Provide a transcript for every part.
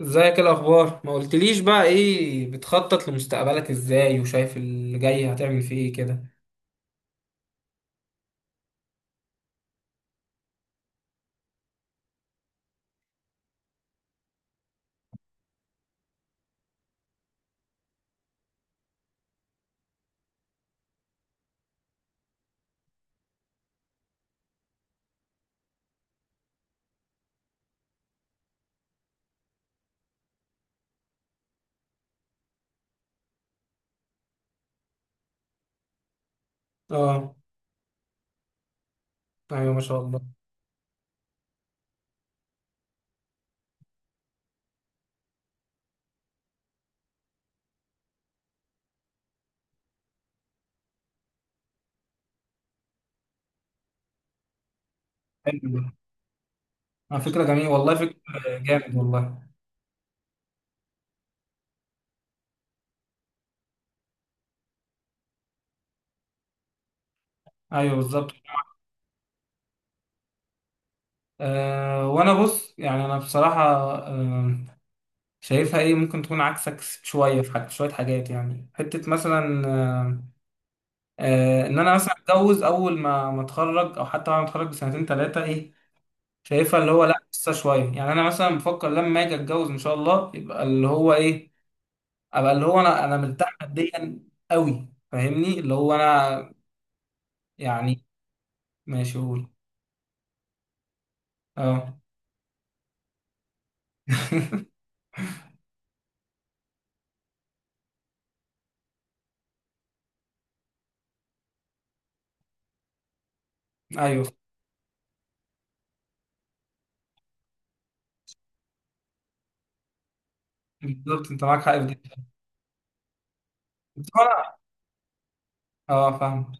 ازيك؟ الاخبار؟ ما قلتليش بقى ايه بتخطط لمستقبلك ازاي؟ وشايف اللي جاي هتعمل فيه ايه كده؟ اه، ايوه ما شاء الله. حلو ده. فكره جميله والله، فكره جامد والله. ايوه بالظبط. وانا بص، يعني انا بصراحه، أه شايفها ايه، ممكن تكون عكسك شويه في حاجة، شويه حاجات يعني، حته مثلا ان انا مثلا اتجوز اول ما اتخرج او حتى بعد ما اتخرج بسنتين ثلاثه ايه، شايفها اللي هو لا، لسه شويه. يعني انا مثلا بفكر لما اجي اتجوز ان شاء الله يبقى اللي هو ايه، ابقى اللي هو انا مرتاح ماديا قوي، فاهمني؟ اللي هو انا يعني. ماشي، قول. اه. ايوه بالظبط، انت معاك حق في دي. بس انا، اه فاهم،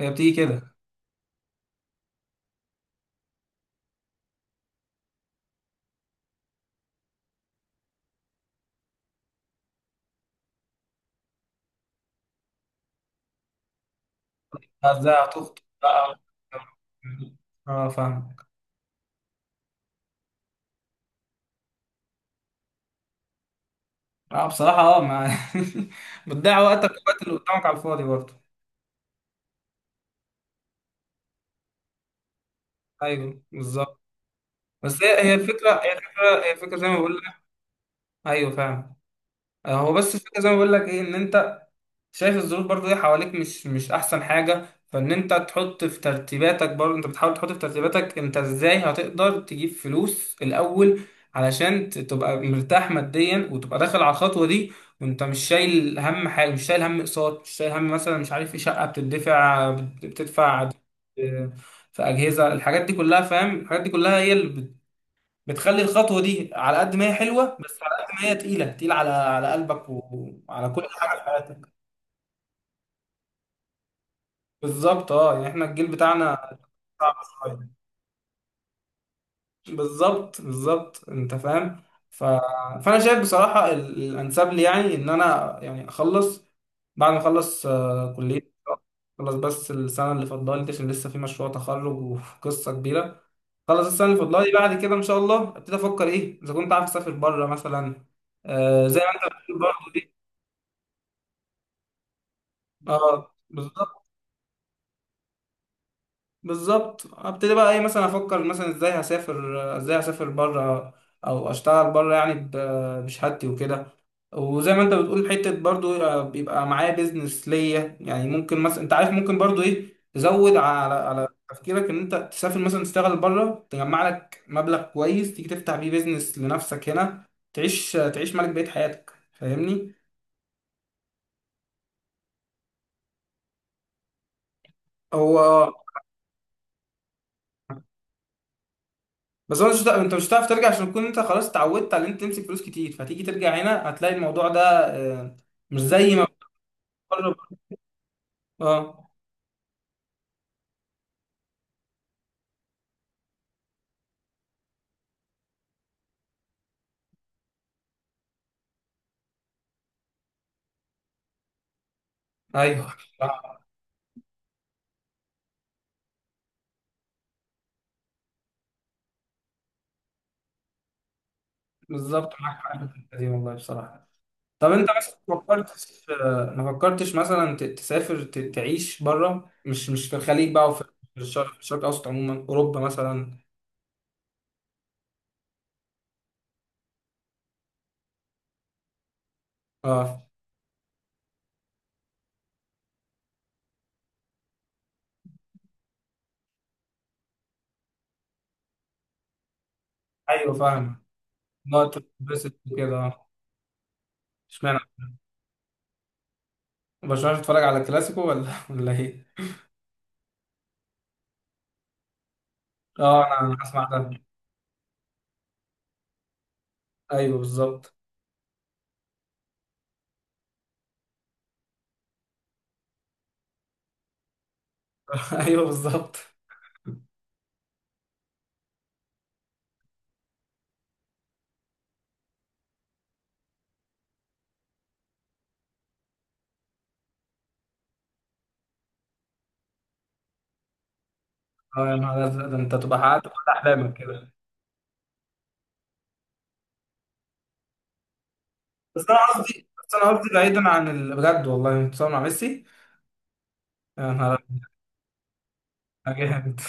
هي بتيجي كده. ازاي هتخطب بقى؟ اه فاهم. اه بصراحه اه، ما بتضيع وقتك ووقت اللي قدامك على الفاضي برضه. ايوه بالظبط. بس هي الفكره، هي الفكره، هي الفكره زي ما بقول لك. ايوه فاهم. هو بس الفكره زي ما بقول لك ايه، ان انت شايف الظروف برضو ايه حواليك، مش احسن حاجه، فان انت تحط في ترتيباتك، برضو انت بتحاول تحط في ترتيباتك، انت ازاي هتقدر تجيب فلوس الاول علشان تبقى مرتاح ماديا وتبقى داخل على الخطوه دي، وانت مش شايل هم حاجه، مش شايل هم اقساط، مش شايل هم مثلا مش عارف ايه، شقه بتدفع بتدفع آه، في اجهزه، الحاجات دي كلها فاهم، الحاجات دي كلها هي اللي بتخلي الخطوه دي على قد ما هي حلوه، بس على قد ما هي تقيله، تقيله على على قلبك وعلى كل حاجه في حياتك. بالظبط، اه يعني احنا الجيل بتاعنا صعب شويه. بالظبط بالظبط انت فاهم. ف... فانا شايف بصراحه الانسب لي، يعني ان انا يعني اخلص. بعد ما اخلص كليه. خلص بس السنه اللي فاضله لي دي عشان لسه في مشروع تخرج وقصه كبيره. خلص السنه اللي فاضله لي بعد كده ان شاء الله ابتدي افكر ايه، اذا كنت عارف اسافر بره مثلا، زي ما انت بتقول برضه. اه بالظبط. بالظبط ابتدي بقى ايه، مثلا افكر مثلا ازاي هسافر، ازاي هسافر بره او اشتغل بره، يعني بشهادتي وكده. وزي ما انت بتقول حته برضو بيبقى معايا بيزنس ليا، يعني ممكن مثلا انت عارف، ممكن برضو ايه تزود على على تفكيرك ان انت تسافر مثلا تشتغل بره، تجمع لك مبلغ كويس تيجي تفتح بيه بيزنس لنفسك هنا، تعيش تعيش ملك بقية حياتك، فاهمني؟ هو بس هو مش هتع- انت مش هتعرف ترجع عشان تكون انت خلاص اتعودت على ان انت تمسك فلوس كتير، فهتيجي ترجع هنا هتلاقي الموضوع ده آه، مش زي ما بتقرب. اه. ايوه صح. بالظبط معاك حق في الحتة دي والله بصراحه. طب انت مثلا ما فكرتش ما فكرتش مثلا تسافر تعيش بره، مش في الخليج بقى، وفي الشرق، في الشرق الاوسط عموما، اوروبا مثلا. اه ايوه فاهم. نقطة بس كده اه. اشمعنى برشلونه؟ بتتفرج على الكلاسيكو ولا ولا ايه؟ اه، انا أنا اسمع ده. ايوه بالظبط. ايوه بالظبط. اه يا نهار ازرق، ده انت تبقى حققت كل احلامك كده. بس انا قصدي، بس انا قصدي بعيدا عن بجد والله متصور مع ميسي؟ يا نهار أبيض.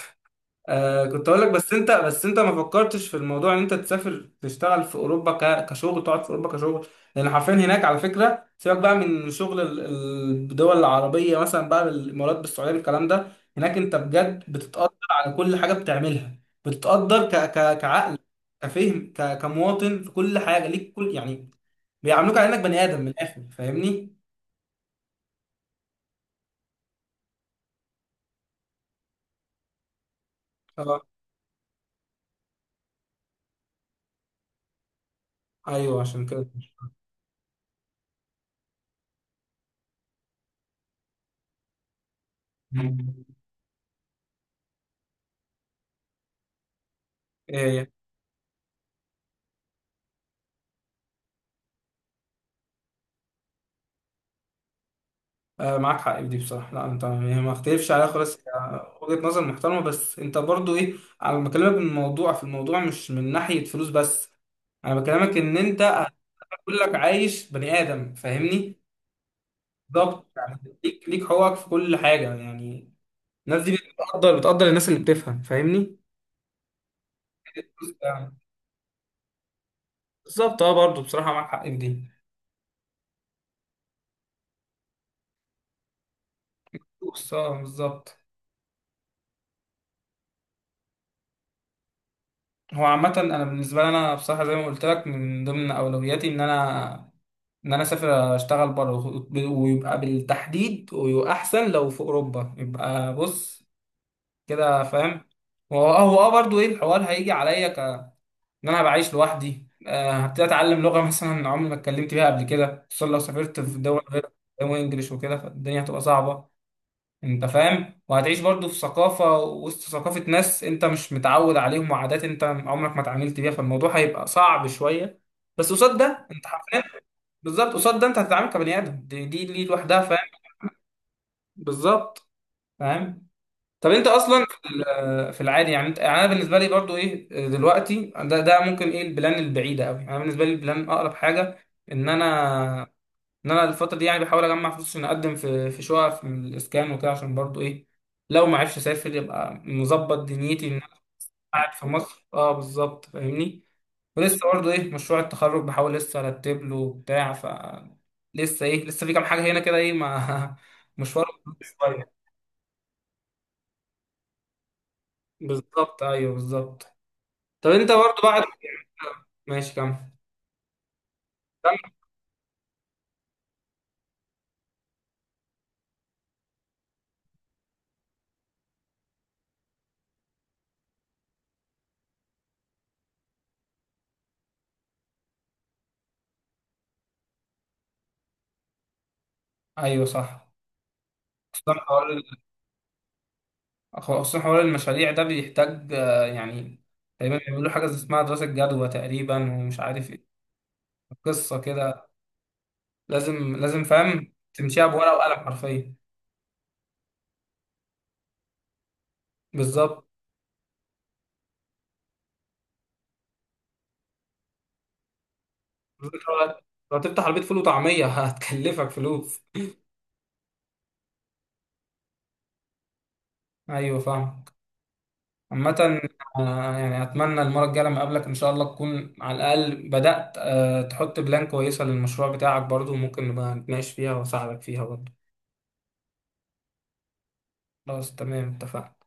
آه، كنت اقول لك، بس انت، بس انت ما فكرتش في الموضوع، ان انت تسافر تشتغل في اوروبا، كشغل، تقعد في اوروبا كشغل؟ لان حرفيا هناك، على فكره سيبك بقى من شغل الدول العربيه مثلا، بقى بالامارات، بالسعوديه، بالكلام ده، هناك انت بجد بتتقدر على كل حاجه بتعملها. بتتقدر ك كعقل، كفهم، كمواطن، في كل حاجه ليك، كل يعني بيعاملوك على انك بني ادم من الاخر، فاهمني؟ اه ايوه عشان كده. مم. ايه؟ معاك حق في دي بصراحة، لا انت يعني ما اختلفش عليها خالص، وجهة نظر محترمة، بس انت برضو ايه، انا بكلمك من الموضوع في الموضوع، مش من ناحية فلوس بس، انا بكلمك ان انت هتقول لك عايش بني ادم، فاهمني؟ بالظبط، يعني ليك، ليك حقوقك في كل حاجة يعني. الناس دي بتقدر، بتقدر الناس اللي بتفهم، فاهمني يعني؟ بالظبط اه، برضو بصراحة معاك حق في دي. بص اه بالظبط. هو عامة انا بالنسبة لي، انا بصراحة زي ما قلت لك، من ضمن اولوياتي ان انا، ان انا اسافر اشتغل بره، ويبقى بالتحديد ويبقى احسن لو في اوروبا، يبقى بص كده فاهم. هو هو اه برضه ايه الحوار هيجي عليا ك، ان انا بعيش لوحدي، هبتدي اتعلم لغه مثلا عمري ما اتكلمت بيها قبل كده، خصوصا لو سافرت في دول غير انجلش وكده، فالدنيا هتبقى صعبه. انت فاهم، وهتعيش برضه في ثقافه، وسط ثقافه ناس انت مش متعود عليهم، وعادات انت عمرك ما اتعاملت بيها، فالموضوع هيبقى صعب شويه. بس قصاد ده انت حرفيا. بالظبط، قصاد ده انت هتتعامل كبني ادم، دي لوحدها فاهم. بالظبط. فاهم. طب انت اصلا في في العادي يعني انت، يعني انا بالنسبه لي برضو ايه دلوقتي، ده ممكن ايه البلان البعيده قوي، انا بالنسبه لي البلان اقرب حاجه ان انا، ان انا الفتره دي يعني بحاول اجمع فلوس عشان اقدم في شقق في الاسكان وكده، عشان برضو ايه لو ما عرفش اسافر يبقى مظبط دنيتي ان انا قاعد في مصر، اه بالظبط فاهمني. ولسه برضه ايه مشروع التخرج بحاول لسه ارتب له بتاع، ف لسه ايه، لسه في كام حاجه هنا كده ايه، ما مشوار شويه. بالظبط، ايوه بالظبط. طب انت برضه بعد. ماشي كمل. ايوه صح. خصوصا حوار، خصوصا حوار المشاريع ده بيحتاج يعني تقريبا بيعملوا حاجه اسمها دراسه جدوى تقريبا، ومش عارف ايه قصه كده، لازم فاهم تمشيها بورقه وقلم حرفيا. بالظبط. لو هتفتح عربيه فول وطعميه هتكلفك فلوس. ايوه فاهم. عامة يعني أتمنى المرة الجاية لما أقابلك إن شاء الله تكون على الأقل بدأت تحط بلان كويسة للمشروع بتاعك برضو، وممكن نبقى نتناقش فيها وأساعدك فيها برضو. خلاص تمام، اتفقنا.